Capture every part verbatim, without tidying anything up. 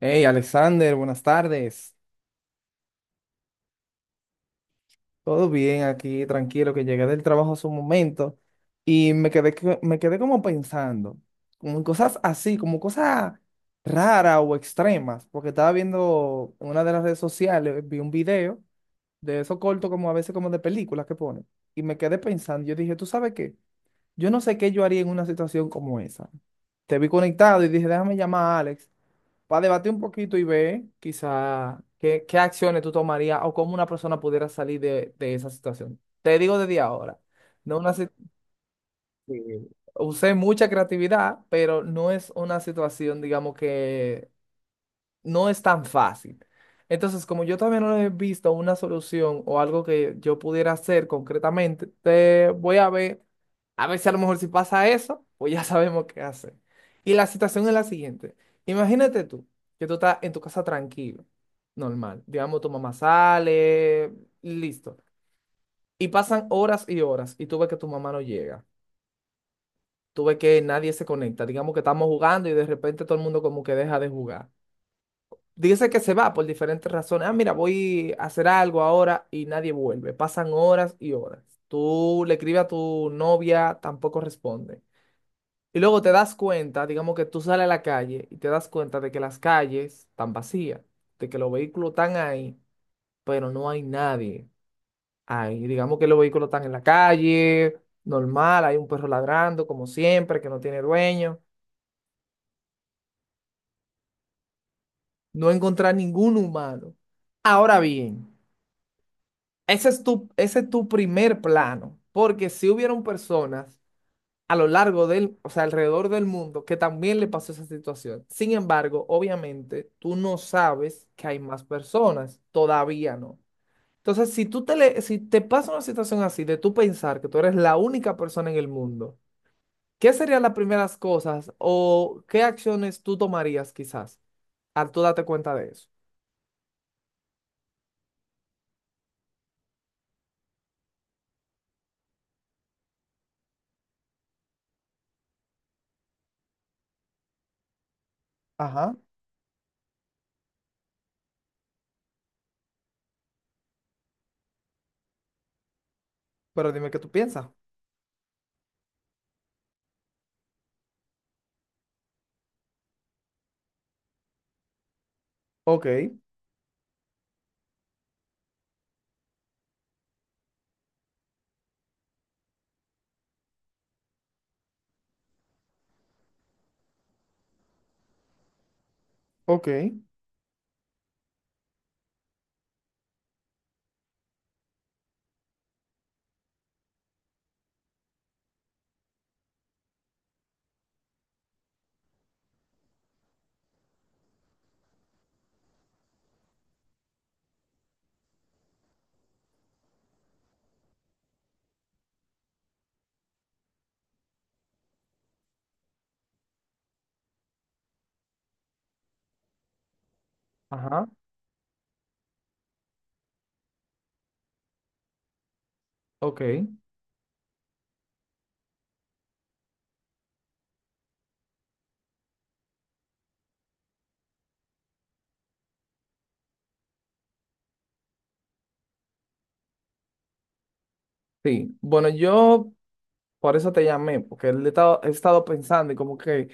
Hey, Alexander, buenas tardes. Todo bien aquí, tranquilo, que llegué del trabajo hace un momento y me quedé, que- me quedé como pensando, como en cosas así, como cosas raras o extremas, porque estaba viendo en una de las redes sociales, vi un video de eso corto como a veces como de películas que ponen y me quedé pensando, yo dije, ¿tú sabes qué? Yo no sé qué yo haría en una situación como esa. Te vi conectado y dije, déjame llamar a Alex para debatir un poquito y ver quizá qué, qué acciones tú tomarías o cómo una persona pudiera salir de, de esa situación. Te digo desde ahora, no una, si- eh, usé mucha creatividad, pero no es una situación, digamos, que no es tan fácil. Entonces, como yo todavía no he visto una solución o algo que yo pudiera hacer concretamente, te voy a ver. A ver si a lo mejor si pasa eso, pues ya sabemos qué hacer. Y la situación es la siguiente. Imagínate tú, que tú estás en tu casa tranquilo, normal. Digamos, tu mamá sale, listo. Y pasan horas y horas y tú ves que tu mamá no llega. Tú ves que nadie se conecta. Digamos que estamos jugando y de repente todo el mundo como que deja de jugar. Dice que se va por diferentes razones. Ah, mira, voy a hacer algo ahora y nadie vuelve. Pasan horas y horas. Tú le escribes a tu novia, tampoco responde. Y luego te das cuenta, digamos que tú sales a la calle y te das cuenta de que las calles están vacías, de que los vehículos están ahí, pero no hay nadie ahí. Digamos que los vehículos están en la calle, normal, hay un perro ladrando, como siempre, que no tiene dueño. No encontrar ningún humano. Ahora bien, ese es tu, ese es tu primer plano, porque si hubieron personas a lo largo del, o sea, alrededor del mundo, que también le pasó esa situación. Sin embargo, obviamente, tú no sabes que hay más personas, todavía no. Entonces, si tú te le- si te pasa una situación así de tú pensar que tú eres la única persona en el mundo, ¿qué serían las primeras cosas o qué acciones tú tomarías quizás al tú darte cuenta de eso? Ajá, pero dime qué tú piensas. Ok, ok. Ajá, ok. Sí, bueno, yo por eso te llamé, porque él he estado, he estado pensando y como que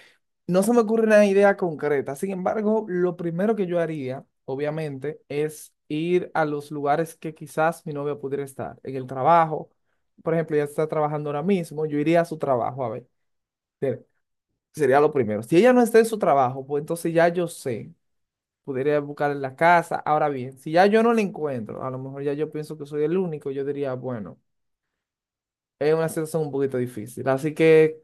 no se me ocurre una idea concreta. Sin embargo, lo primero que yo haría, obviamente, es ir a los lugares que quizás mi novia pudiera estar. En el trabajo, por ejemplo, ella está trabajando ahora mismo, yo iría a su trabajo a ver. Ser- Sería lo primero. Si ella no está en su trabajo, pues entonces ya yo sé, podría buscar en la casa. Ahora bien, si ya yo no la encuentro, a lo mejor ya yo pienso que soy el único, yo diría, bueno. Es una situación un poquito difícil. Así que,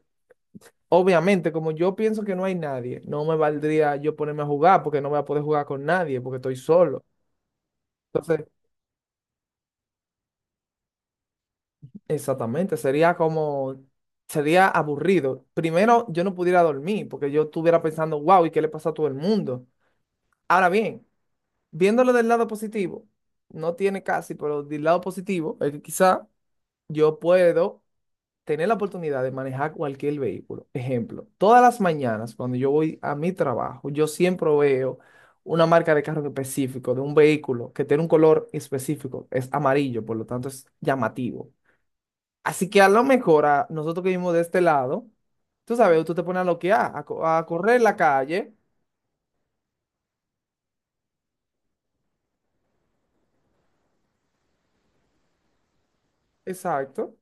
obviamente, como yo pienso que no hay nadie, no me valdría yo ponerme a jugar porque no voy a poder jugar con nadie porque estoy solo. Entonces, exactamente, sería como, sería aburrido. Primero, yo no pudiera dormir porque yo estuviera pensando, wow, ¿y qué le pasa a todo el mundo? Ahora bien, viéndolo del lado positivo, no tiene casi, pero del lado positivo es que quizá yo puedo tener la oportunidad de manejar cualquier vehículo. Ejemplo, todas las mañanas cuando yo voy a mi trabajo, yo siempre veo una marca de carro en específico, de un vehículo que tiene un color específico, es amarillo, por lo tanto es llamativo. Así que a lo mejor a nosotros que vivimos de este lado, tú sabes, tú te pones a loquear, a, co- a correr en la calle, exacto.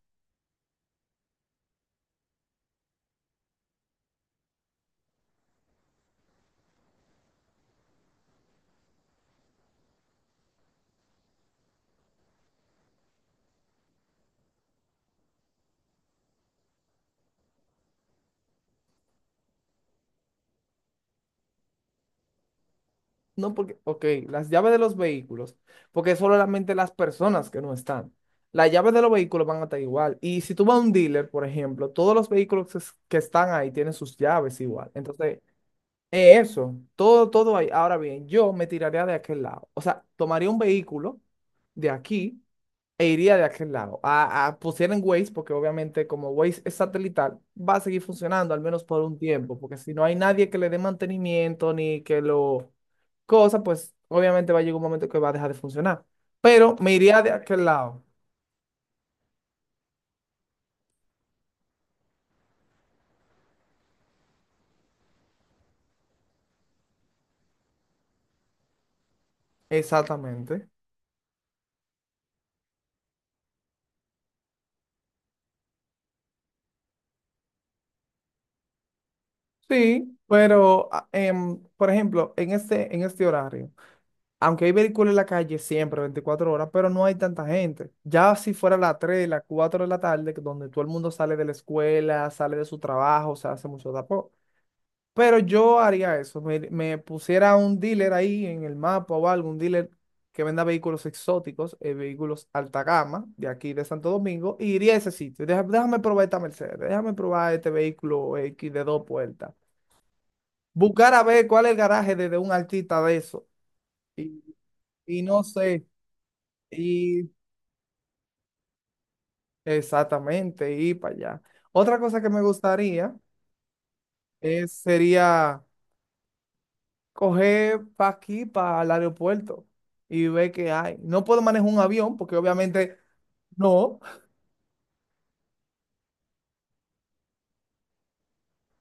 No, porque, ok, las llaves de los vehículos, porque es solamente las personas que no están. Las llaves de los vehículos van a estar igual. Y si tú vas a un dealer, por ejemplo, todos los vehículos que es- que están ahí tienen sus llaves igual. Entonces, es eso, todo, todo ahí. Ahora bien, yo me tiraría de aquel lado. O sea, tomaría un vehículo de aquí e iría de aquel lado. A, a pusieran Waze, porque obviamente como Waze es satelital, va a seguir funcionando al menos por un tiempo, porque si no hay nadie que le dé mantenimiento ni que lo cosa, pues obviamente va a llegar un momento que va a dejar de funcionar. Pero me iría de aquel lado. Exactamente. Sí, pero ah, em, por ejemplo, en este, en este horario, aunque hay vehículos en la calle siempre, veinticuatro horas, pero no hay tanta gente. Ya si fuera las tres, las cuatro de la tarde, que donde todo el mundo sale de la escuela, sale de su trabajo, se hace mucho tapón. Pero yo haría eso, me, me pusiera un dealer ahí en el mapa o algo, un dealer que venda vehículos exóticos, eh, vehículos alta gama de aquí de Santo Domingo, y iría a ese sitio. Deja- déjame probar esta Mercedes, déjame probar este vehículo X de dos puertas. Buscar a ver cuál es el garaje de, de un artista de eso. Y, y no sé. Y exactamente, y para allá. Otra cosa que me gustaría es, sería coger para aquí, para el aeropuerto, y ver qué hay. No puedo manejar un avión, porque obviamente no,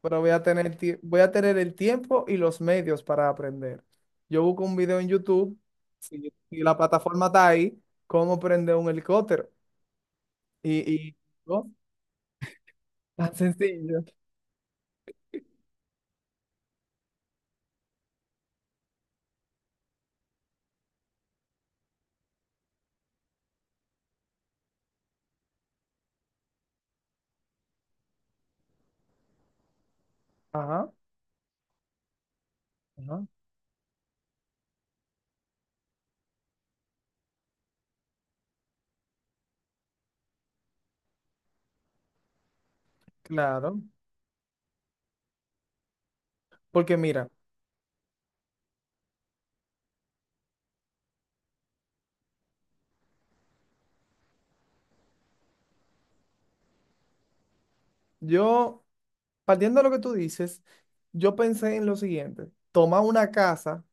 pero voy a tener, tie- voy a tener el tiempo y los medios para aprender. Yo busco un video en YouTube, si, si la plataforma está ahí, cómo prender un helicóptero. Y, y ¿no? Tan sencillo. Ajá, ajá, claro. Porque mira, yo. Partiendo de lo que tú dices, yo pensé en lo siguiente. Toma una casa,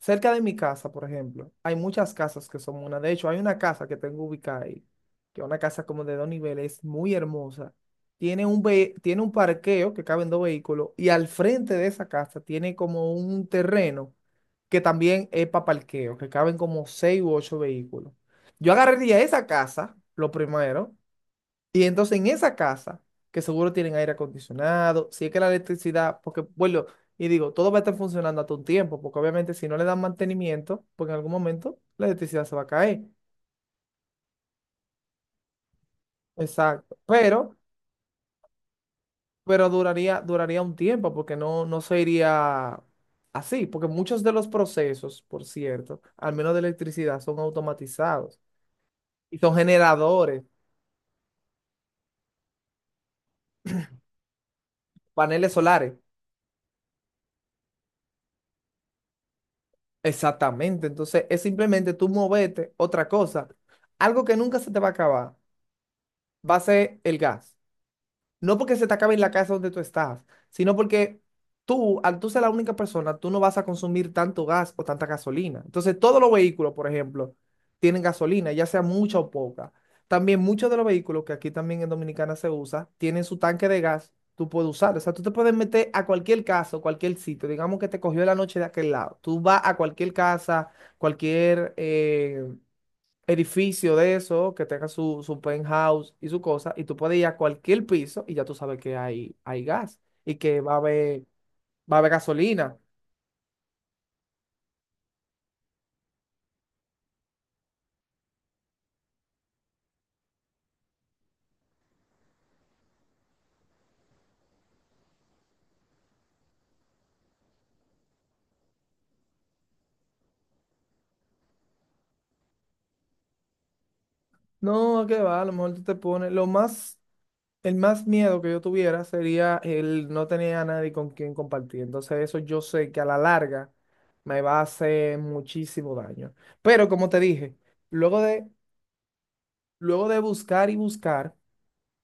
cerca de mi casa, por ejemplo. Hay muchas casas que son una. De hecho, hay una casa que tengo ubicada ahí, que es una casa como de dos niveles, muy hermosa. Tiene un, ve- tiene un parqueo que caben dos vehículos y al frente de esa casa tiene como un terreno que también es para parqueo, que caben como seis u ocho vehículos. Yo agarraría esa casa, lo primero, y entonces en esa casa, que seguro tienen aire acondicionado, si es que la electricidad, porque bueno, y digo, todo va a estar funcionando hasta un tiempo, porque obviamente si no le dan mantenimiento, porque en algún momento la electricidad se va a caer. Exacto. Pero, pero duraría, duraría un tiempo, porque no, no se iría así, porque muchos de los procesos, por cierto, al menos de electricidad, son automatizados y son generadores, paneles solares. Exactamente, entonces es simplemente tú moverte, otra cosa. Algo que nunca se te va a acabar va a ser el gas. No porque se te acabe en la casa donde tú estás, sino porque tú, al tú ser la única persona, tú no vas a consumir tanto gas o tanta gasolina. Entonces, todos los vehículos, por ejemplo, tienen gasolina, ya sea mucha o poca. También muchos de los vehículos que aquí también en Dominicana se usa, tienen su tanque de gas, tú puedes usar. O sea, tú te puedes meter a cualquier casa, o cualquier sitio. Digamos que te cogió la noche de aquel lado. Tú vas a cualquier casa, cualquier eh, edificio de eso, que tenga su, su penthouse y su cosa, y tú puedes ir a cualquier piso y ya tú sabes que hay, hay gas y que va a haber, va a haber gasolina. No, que va, a lo mejor tú te pones, lo más, el más miedo que yo tuviera sería el no tener a nadie con quien compartir. Entonces eso yo sé que a la larga me va a hacer muchísimo daño. Pero como te dije, luego de, luego de buscar y buscar,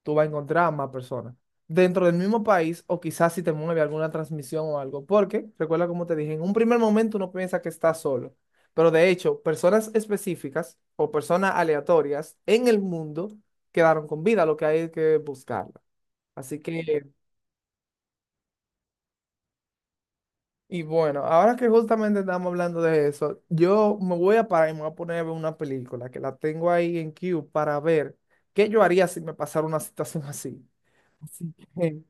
tú vas a encontrar a más personas. Dentro del mismo país, o quizás si te mueve alguna transmisión o algo, porque recuerda como te dije, en un primer momento uno piensa que está solo, pero de hecho, personas específicas o personas aleatorias en el mundo quedaron con vida, lo que hay que buscarla. Así que, y bueno, ahora que justamente estamos hablando de eso, yo me voy a parar y me voy a poner a ver una película que la tengo ahí en queue para ver qué yo haría si me pasara una situación así. Así que,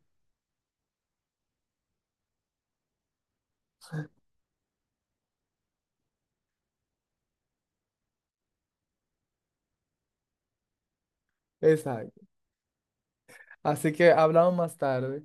esa es. Así que hablamos más tarde.